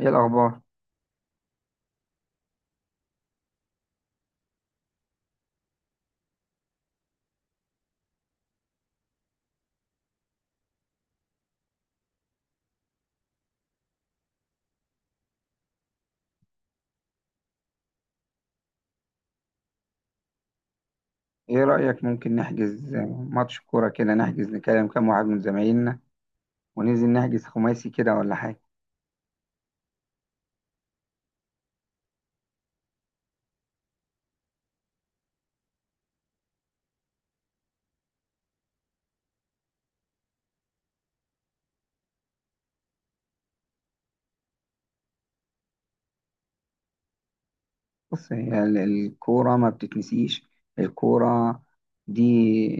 ايه الاخبار؟ ايه رايك ممكن نحجز ماتش كوره كده، نحجز نكلم كام واحد من زمايلنا وننزل نحجز خماسي كده ولا حاجه؟ بص، هي الكوره ما بتتنسيش. الكوره دي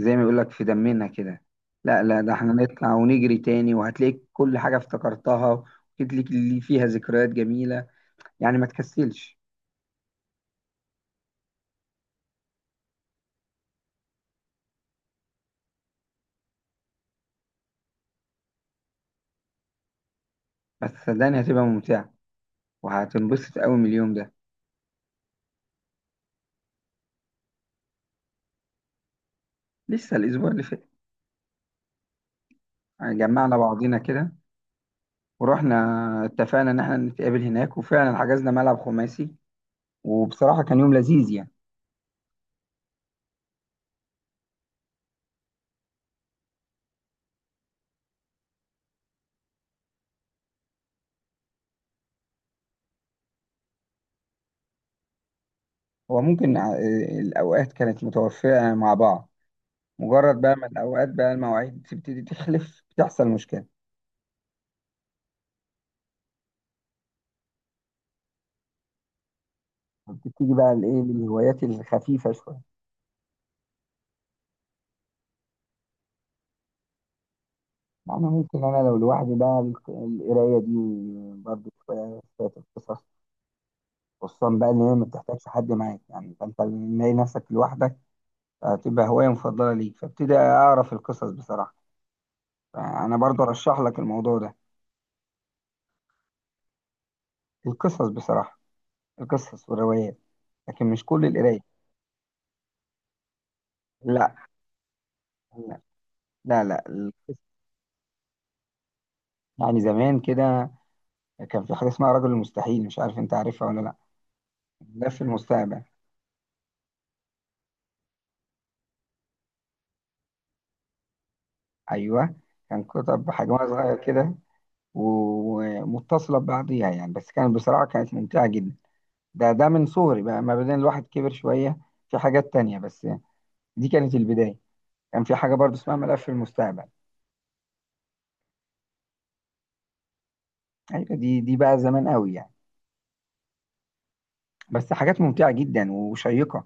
زي ما بيقول لك في دمنا كده. لا لا، ده احنا نطلع ونجري تاني وهتلاقيك كل حاجه افتكرتها، وهتلاقيك اللي فيها ذكريات جميله، يعني ما تكسلش. بس صدقني هتبقى ممتعه وهتنبسط قوي من اليوم ده. لسه الاسبوع اللي فات، جمعنا بعضينا كده ورحنا. اتفقنا ان احنا نتقابل هناك، وفعلا حجزنا ملعب خماسي، وبصراحة كان يوم لذيذ يعني. هو ممكن الاوقات كانت متوفقة مع بعض. مجرد بقى ما الاوقات بقى المواعيد تبتدي تخلف، بتحصل مشكلة. بتبتدي بقى الايه، للهوايات الخفيفة شوية. يعني ممكن انا لو لوحدي بقى القراية دي، برضه شوية شوية القصص، خصوصا بقى ان هي ما بتحتاجش حد معاك، يعني فانت لما تلاقي نفسك لوحدك هتبقى هواية مفضلة ليك، فابتدي اعرف القصص بصراحة. انا برضو ارشح لك الموضوع ده. القصص بصراحه، القصص والروايات، لكن مش كل القرايه. لا، لا، لا، لا. القصص. يعني زمان كده كان في حاجه اسمها رجل المستحيل، مش عارف انت عارفها ولا لا؟ ده في المستقبل. ايوه، كان كتب بحجمها صغير كده، ومتصله ببعضيها، يعني بس كانت بصراحه كانت ممتعه جدا. ده من صغري بقى، ما بعدين الواحد كبر شويه في حاجات تانية، بس دي كانت البدايه. كان في حاجه برضو اسمها ملف المستقبل. ايوه، دي بقى زمان قوي يعني. بس حاجات ممتعة جدا وشيقة.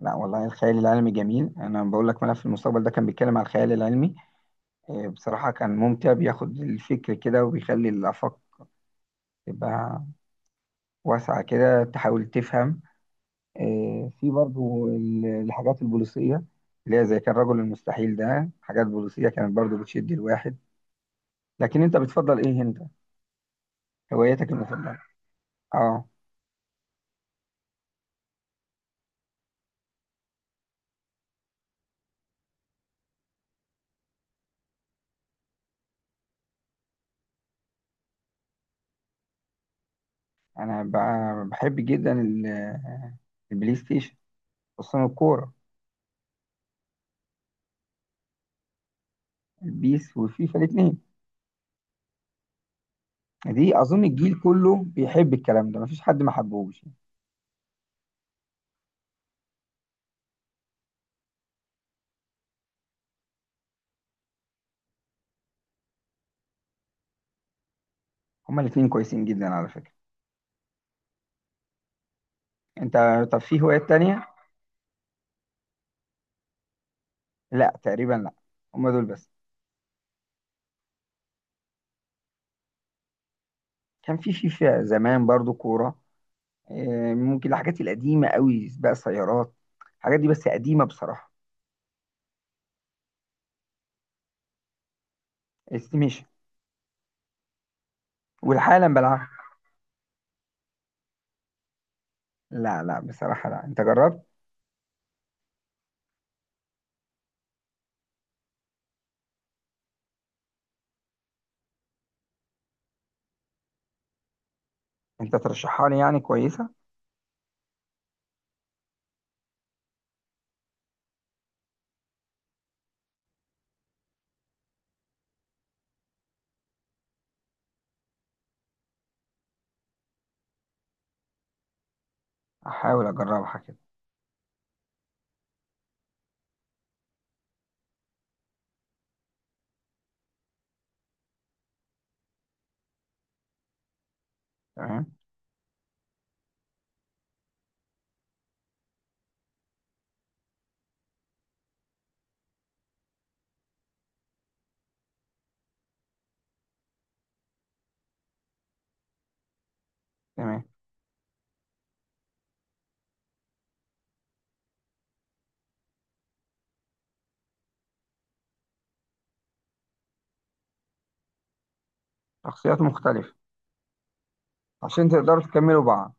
لا والله، الخيال العلمي جميل، انا بقول لك ملف المستقبل ده كان بيتكلم على الخيال العلمي. بصراحة كان ممتع، بياخد الفكر كده وبيخلي الآفاق تبقى واسعة كده، تحاول تفهم. في برضو الحاجات البوليسية، اللي هي زي كان رجل المستحيل ده، حاجات بوليسية كانت برضو بتشد الواحد. لكن انت بتفضل ايه انت؟ هوايتك المفضلة. اه، انا بحب جدا البلاي ستيشن، خصوصا الكورة. البيس وفيفا الاتنين، دي اظن الجيل كله بيحب الكلام ده، مفيش حد ما حبهوش. هما الاتنين كويسين جدا على فكرة. انت طب في هوايات تانية؟ لا تقريبا، لا، هما دول بس. كان في فيفا زمان برضو كورة، ممكن الحاجات القديمة قوي، سباق سيارات، الحاجات دي بس قديمة بصراحة. استيميشن والحالا بلعبها. لا، لا بصراحة، لا، انت جربت؟ انت ترشحها لي يعني، كويسة؟ احاول اجربها كده. تمام، تمام. شخصيات مختلفة. عشان تقدروا تكملوا بعض.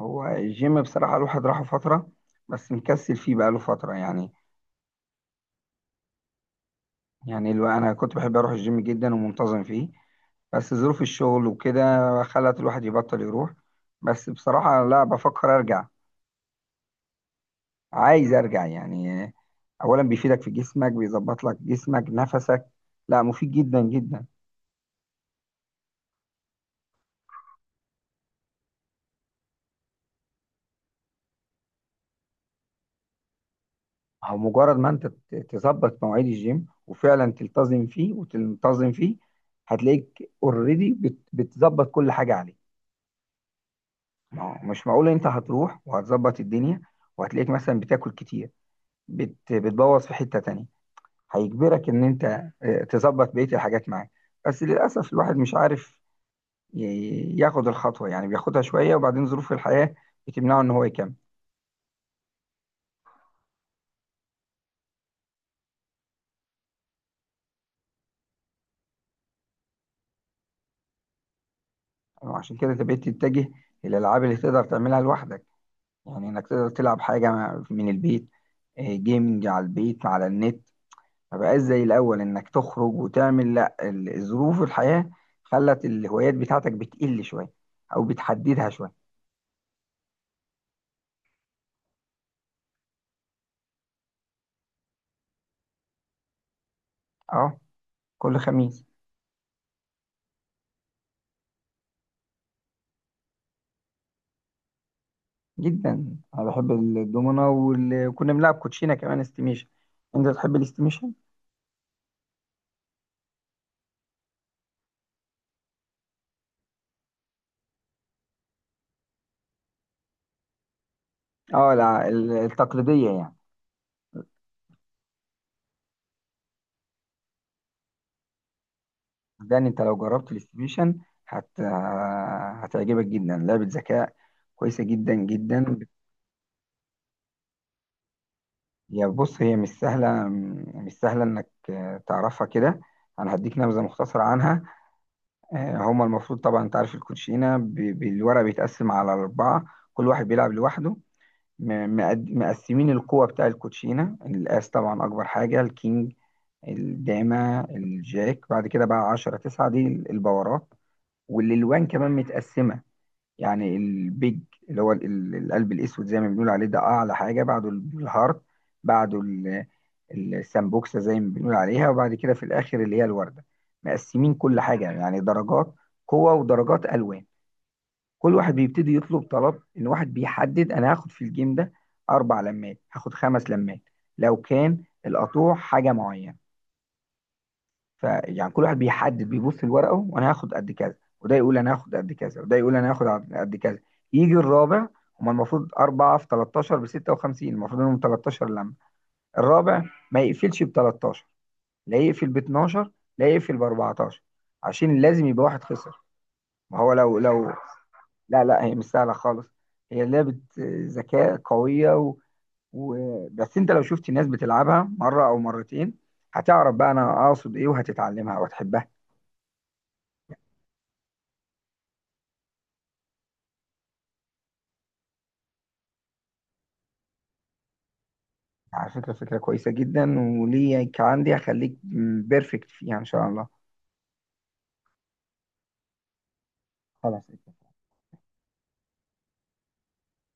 هو الجيم بصراحة الواحد راحه فترة، بس مكسل فيه بقاله فترة يعني. يعني أنا كنت بحب أروح الجيم جدا ومنتظم فيه، بس ظروف الشغل وكده خلت الواحد يبطل يروح. بس بصراحة لا، بفكر أرجع، عايز أرجع يعني. أولا بيفيدك في جسمك، بيظبط لك جسمك نفسك، لا، مفيد جدا جدا. أو مجرد ما أنت تظبط مواعيد الجيم وفعلا تلتزم فيه وتنتظم فيه، هتلاقيك اوريدي بتظبط كل حاجة عليه. ما هو مش معقول انت هتروح وهتظبط الدنيا وهتلاقيك مثلا بتاكل كتير، بت بتبوظ في حتة تانية، هيجبرك ان انت تظبط بقية الحاجات معاك. بس للأسف الواحد مش عارف ياخد الخطوة، يعني بياخدها شوية وبعدين ظروف الحياة بتمنعه ان هو يكمل. عشان كده انت بقيت تتجه للألعاب اللي تقدر تعملها لوحدك، يعني انك تقدر تلعب حاجة من البيت، جيمنج على البيت على النت. ما بقاش زي الأول إنك تخرج وتعمل، لأ، ظروف الحياة خلت الهوايات بتاعتك بتقل شوية أو بتحددها شوية. أه، كل خميس. جدا، أنا بحب الدومنة وكنا بنلعب كوتشينة كمان، استيميشن. أنت تحب الاستيميشن؟ أه، لا التقليدية يعني. ده أنت لو جربت الاستيميشن هت... هتعجبك جدا، لعبة ذكاء كويسة جدا جدا. يا بص، هي مش سهلة، مش سهلة إنك تعرفها كده. أنا هديك نبذة مختصرة عنها. هما المفروض طبعا انت عارف الكوتشينه بالورق بيتقسم على اربعه، كل واحد بيلعب لوحده. مقسمين القوه بتاع الكوتشينه، الاس طبعا اكبر حاجه، الكينج، الداما، الجاك، بعد كده بقى 10، 9، دي البورات. والالوان كمان متقسمه، يعني البيج اللي هو القلب الاسود زي ما بنقول عليه، ده اعلى حاجه. بعده الهارت، بعده السامبوكسه زي ما بنقول عليها، وبعد كده في الاخر اللي هي الورده. مقسمين كل حاجه، يعني درجات قوه ودرجات الوان. كل واحد بيبتدي يطلب طلب، ان واحد بيحدد انا هاخد في الجيم ده اربع لمات، هاخد خمس لمات لو كان القطوع حاجه معينه. فيعني كل واحد بيحدد بيبص لورقه، وانا هاخد قد كذا، وده يقول انا هاخد قد كذا، وده يقول انا هاخد قد كذا. يجي الرابع، هما المفروض 4 في 13 ب 56، المفروض إنهم 13 لما. الرابع ما يقفلش ب 13، لا يقفل ب 12، لا يقفل ب 14، عشان لازم يبقى واحد خسر. ما هو لو لا لا، هي مش سهلة خالص، هي لعبة ذكاء قوية، بس أنت لو شفت ناس بتلعبها مرة أو مرتين، هتعرف بقى أنا أقصد إيه وهتتعلمها وهتحبها. على فكرة فكرة كويسة جدا، وليك عندي هخليك بيرفكت فيها إن شاء الله. خلاص.